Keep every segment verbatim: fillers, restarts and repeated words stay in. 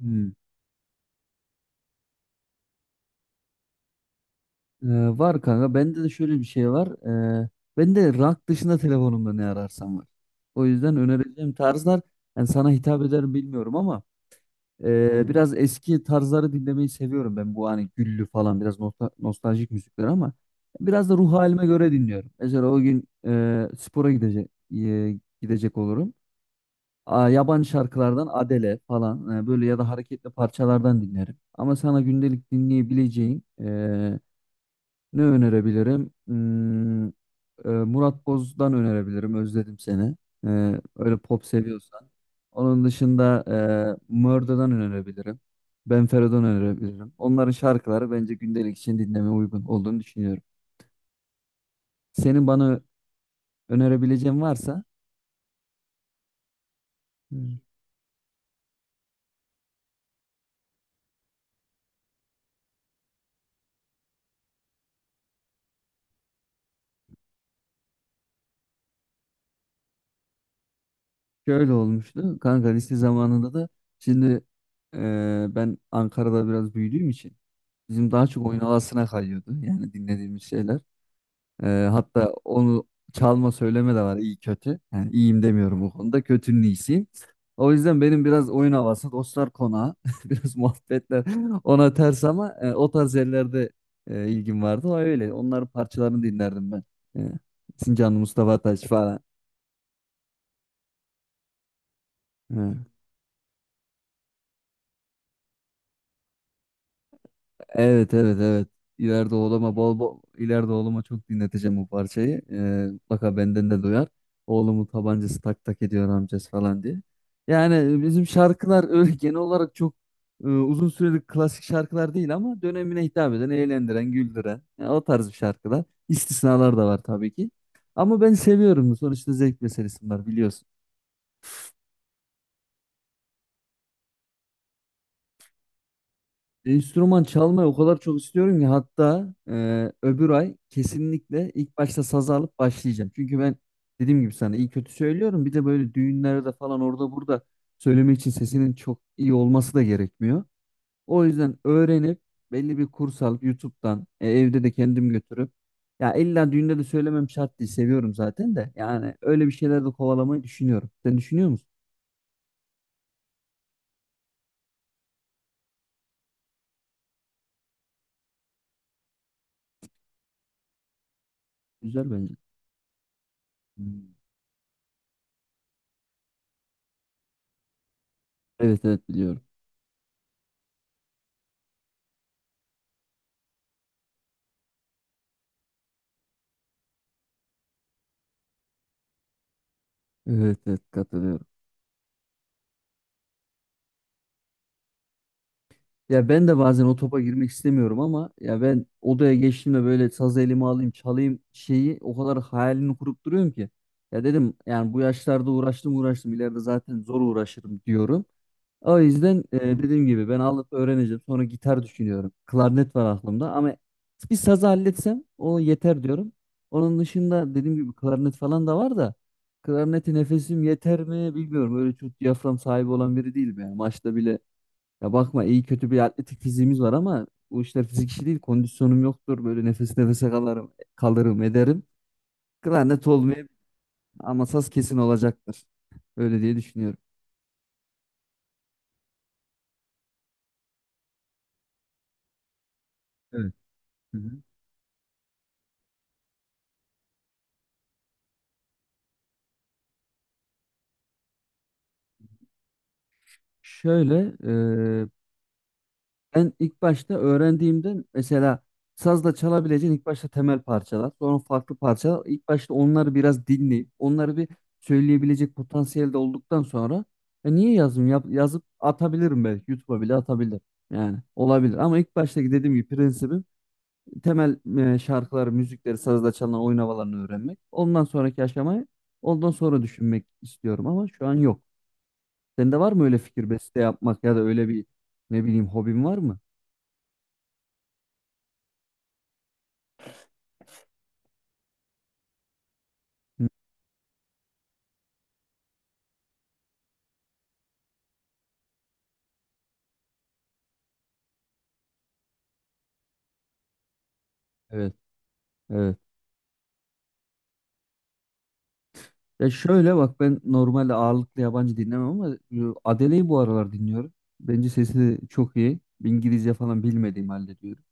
Hmm. Ee, Var kanka. Bende de şöyle bir şey var. Ee, Bende rank dışında telefonumda ne ararsam var. O yüzden önereceğim tarzlar yani sana hitap eder mi bilmiyorum ama e, biraz eski tarzları dinlemeyi seviyorum ben. Bu hani güllü falan biraz nosta- nostaljik müzikler ama biraz da ruh halime göre dinliyorum. Mesela o gün e, spora gidecek e, gidecek olurum. Aa, yabancı şarkılardan Adele falan e, böyle ya da hareketli parçalardan dinlerim. Ama sana gündelik dinleyebileceğin. Ne önerebilirim? Hmm, e, Murat Boz'dan önerebilirim. Özledim seni. E, öyle pop seviyorsan. Onun dışında e, Murder'dan önerebilirim. Ben Fero'dan önerebilirim. Onların şarkıları bence gündelik için dinlemeye uygun olduğunu düşünüyorum. Senin bana önerebileceğin varsa hmm, şöyle olmuştu. Kanka lise zamanında da şimdi e, ben Ankara'da biraz büyüdüğüm için bizim daha çok oyun havasına kayıyordu. Yani dinlediğimiz şeyler. Ee, hatta onu çalma söyleme de var iyi kötü. Yani iyiyim demiyorum bu konuda. Kötünün iyisiyim. O yüzden benim biraz oyun havası dostlar konağı. Biraz muhabbetler ona ters ama e, o tarz yerlerde e, ilgim vardı. O öyle. Onların parçalarını dinlerdim ben. E, Sincanlı Mustafa Taş falan. Evet evet evet. İleride oğluma bol bol ileride oğluma çok dinleteceğim bu parçayı. Ee, mutlaka benden de duyar. Oğlumun tabancası tak tak ediyor amcası falan diye. Yani e, bizim şarkılar öyle genel olarak çok e, uzun süreli klasik şarkılar değil ama dönemine hitap eden, eğlendiren, güldüren yani o tarz bir şarkılar. İstisnalar da var tabii ki. Ama ben seviyorum. Sonuçta zevk meselesi var biliyorsun. Enstrüman çalmayı o kadar çok istiyorum ki hatta e, öbür ay kesinlikle ilk başta sazı alıp başlayacağım. Çünkü ben dediğim gibi sana iyi kötü söylüyorum. Bir de böyle düğünlerde falan orada burada söylemek için sesinin çok iyi olması da gerekmiyor. O yüzden öğrenip belli bir kurs alıp YouTube'dan e, evde de kendim götürüp ya illa düğünde de söylemem şart değil seviyorum zaten de yani öyle bir şeyler de kovalamayı düşünüyorum. Sen düşünüyor musun? Güzel bence. Hmm. Evet evet biliyorum. Evet evet katılıyorum. Ya ben de bazen o topa girmek istemiyorum ama ya ben odaya geçtiğimde böyle sazı elime alayım çalayım şeyi o kadar hayalini kurup duruyorum ki. Ya dedim yani bu yaşlarda uğraştım uğraştım ileride zaten zor uğraşırım diyorum. O yüzden e, dediğim gibi ben alıp öğreneceğim sonra gitar düşünüyorum. Klarnet var aklımda ama bir sazı halletsem o yeter diyorum. Onun dışında dediğim gibi klarnet falan da var da klarneti nefesim yeter mi bilmiyorum. Öyle çok diyafram sahibi olan biri değilim yani maçta bile ya bakma iyi kötü bir atletik fiziğimiz var ama bu işler fizik işi değil. Kondisyonum yoktur. Böyle nefes nefese kalırım, kalırım ederim. Klarnet olmayabilir ama saz kesin olacaktır. Öyle diye düşünüyorum. Evet. Hı hı. Şöyle, ben ilk başta öğrendiğimde mesela sazla çalabileceğin ilk başta temel parçalar, sonra farklı parçalar. İlk başta onları biraz dinleyip onları bir söyleyebilecek potansiyelde olduktan sonra "E, niye yazmayayım? Yap- yazıp atabilirim belki. YouTube'a bile atabilirim." Yani olabilir ama ilk baştaki dediğim gibi prensibim temel e, şarkıları, müzikleri, sazla çalınan oyun havalarını öğrenmek. Ondan sonraki aşamayı ondan sonra düşünmek istiyorum ama şu an yok. Sende var mı öyle fikir beste yapmak ya da öyle bir ne bileyim hobin var mı? Hı, evet. Evet. Ya şöyle bak ben normalde ağırlıklı yabancı dinlemem ama e, Adele'yi bu aralar dinliyorum. Bence sesi çok iyi. İngilizce falan bilmediğim halde diyorum.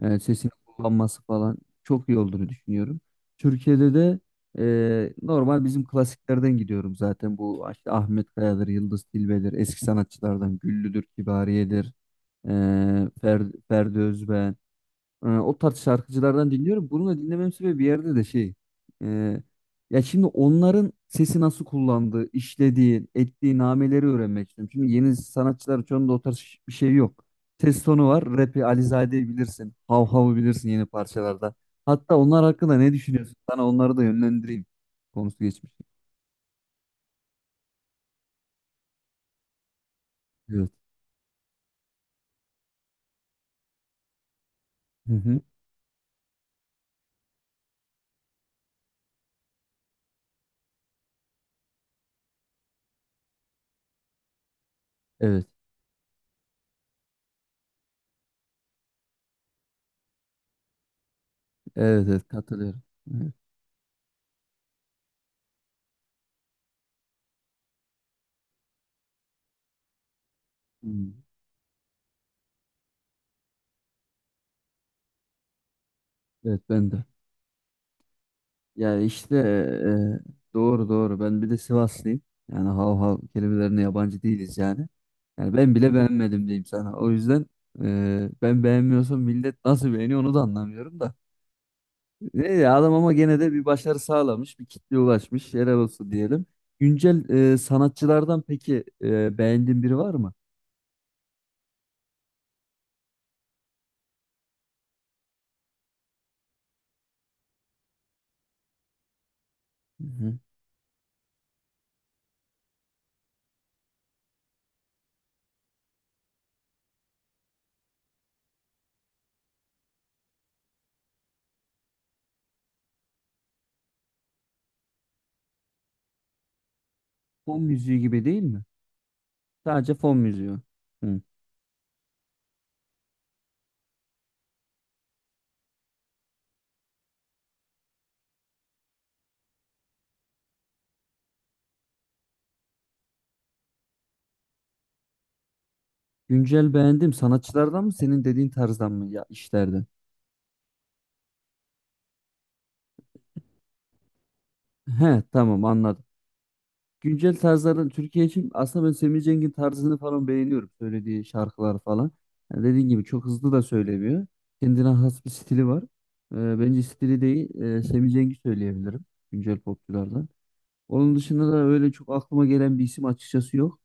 Yani sesini kullanması falan çok iyi olduğunu düşünüyorum. Türkiye'de de e, normal bizim klasiklerden gidiyorum zaten. Bu işte Ahmet Kaya'dır, Yıldız Tilbe'dir, eski sanatçılardan Güllü'dür, Kibariye'dir, e, Fer- Ferdi Özbeğen. E, o tarz şarkıcılardan dinliyorum. Bunu da dinlemem sebebi bir yerde de şey. e, Ya şimdi onların sesi nasıl kullandığı, işlediği, ettiği nameleri öğrenmek istiyorum. Şimdi yeni sanatçıların çoğunda o tarz ş- bir şey yok. Ses tonu var. Rap'i Alizade'yi bilirsin. Hav Hav'ı bilirsin yeni parçalarda. Hatta onlar hakkında ne düşünüyorsun? Sana onları da yönlendireyim. Konusu geçmiş. Evet. Hı hı. Evet. Evet evet katılıyorum. Evet. Hmm. Evet ben de. Yani işte e, doğru doğru. Ben bir de Sivaslıyım. Yani hav hav kelimelerine yabancı değiliz yani. Yani ben bile beğenmedim diyeyim sana. O yüzden e, ben beğenmiyorsam millet nasıl beğeniyor onu da anlamıyorum da. Ne ya adam ama gene de bir başarı sağlamış, bir kitleye ulaşmış. Helal olsun diyelim. Güncel e, sanatçılardan peki e, beğendiğin biri var mı? Hı hı. Fon müziği gibi değil mi? Sadece fon müziği. Hı. Güncel beğendim. Sanatçılardan mı senin dediğin tarzdan mı ya işlerden? He, tamam anladım. Güncel tarzların Türkiye için aslında ben Semih Cengiz'in tarzını falan beğeniyorum. Söylediği şarkılar falan. Yani dediğin gibi çok hızlı da söylemiyor. Kendine has bir stili var. Ee, bence stili değil e, Semih Cengiz söyleyebilirim güncel popçulardan. Onun dışında da öyle çok aklıma gelen bir isim açıkçası yok.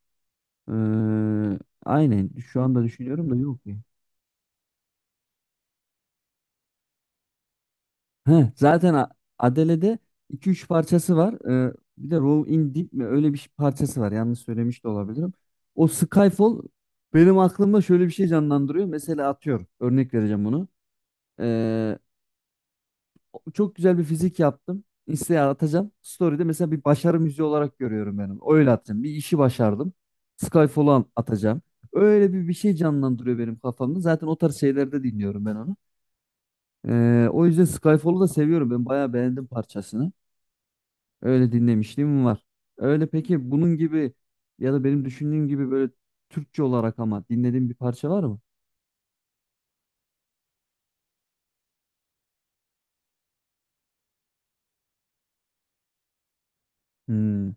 Ee, aynen şu anda düşünüyorum da yok. Heh, zaten A- Adele'de iki üç parçası var. Ee, bir de Roll in Deep mi öyle bir şey- parçası var. Yanlış söylemiş de olabilirim. O Skyfall benim aklımda şöyle bir şey canlandırıyor. Mesela atıyorum. Örnek vereceğim bunu. Ee, Çok güzel bir fizik yaptım. Insta'ya atacağım. Story'de mesela bir başarı müziği olarak görüyorum benim. Öyle atacağım. Bir işi başardım. Skyfall'u an- atacağım. Öyle bir, bir şey canlandırıyor benim kafamda. Zaten o tarz şeylerde dinliyorum ben onu. Ee, o yüzden Skyfall'u da seviyorum. Ben bayağı beğendim parçasını. Öyle dinlemişliğim var. Öyle peki bunun gibi ya da benim düşündüğüm gibi böyle Türkçe olarak ama dinlediğim bir parça var mı? Hmm.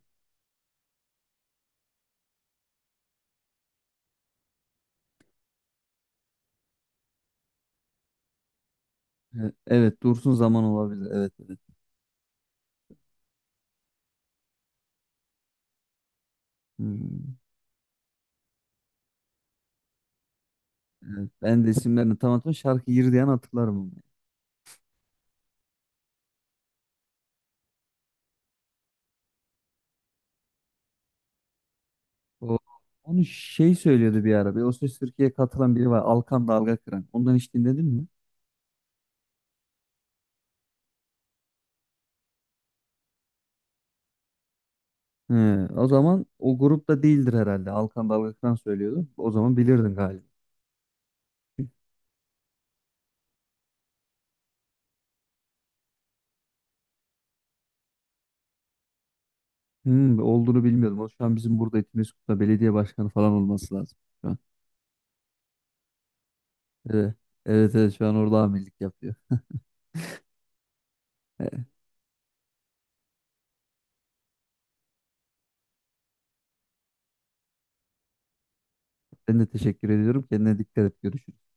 E- Evet, Dursun Zaman olabilir. Evet. Hmm. Evet. Ben de isimlerini tam hatırlamıyorum. Şarkı Yirdiyen hatırlarım onu. O, Onu şey söylüyordu bir ara. Bir O Ses Türkiye'ye katılan biri var. Alkan Dalga Kıran. Ondan hiç dinledin mi? He, o zaman o grupta değildir herhalde. Alkan Dalga Kıran söylüyordu. O zaman bilirdin galiba. Hmm, olduğunu bilmiyordum. O şu an bizim burada Etimesgut'ta belediye başkanı falan olması lazım şu an. Evet, evet, evet şu an orada amirlik yapıyor. Evet, ben de teşekkür ediyorum. Kendine dikkat et. Görüşürüz.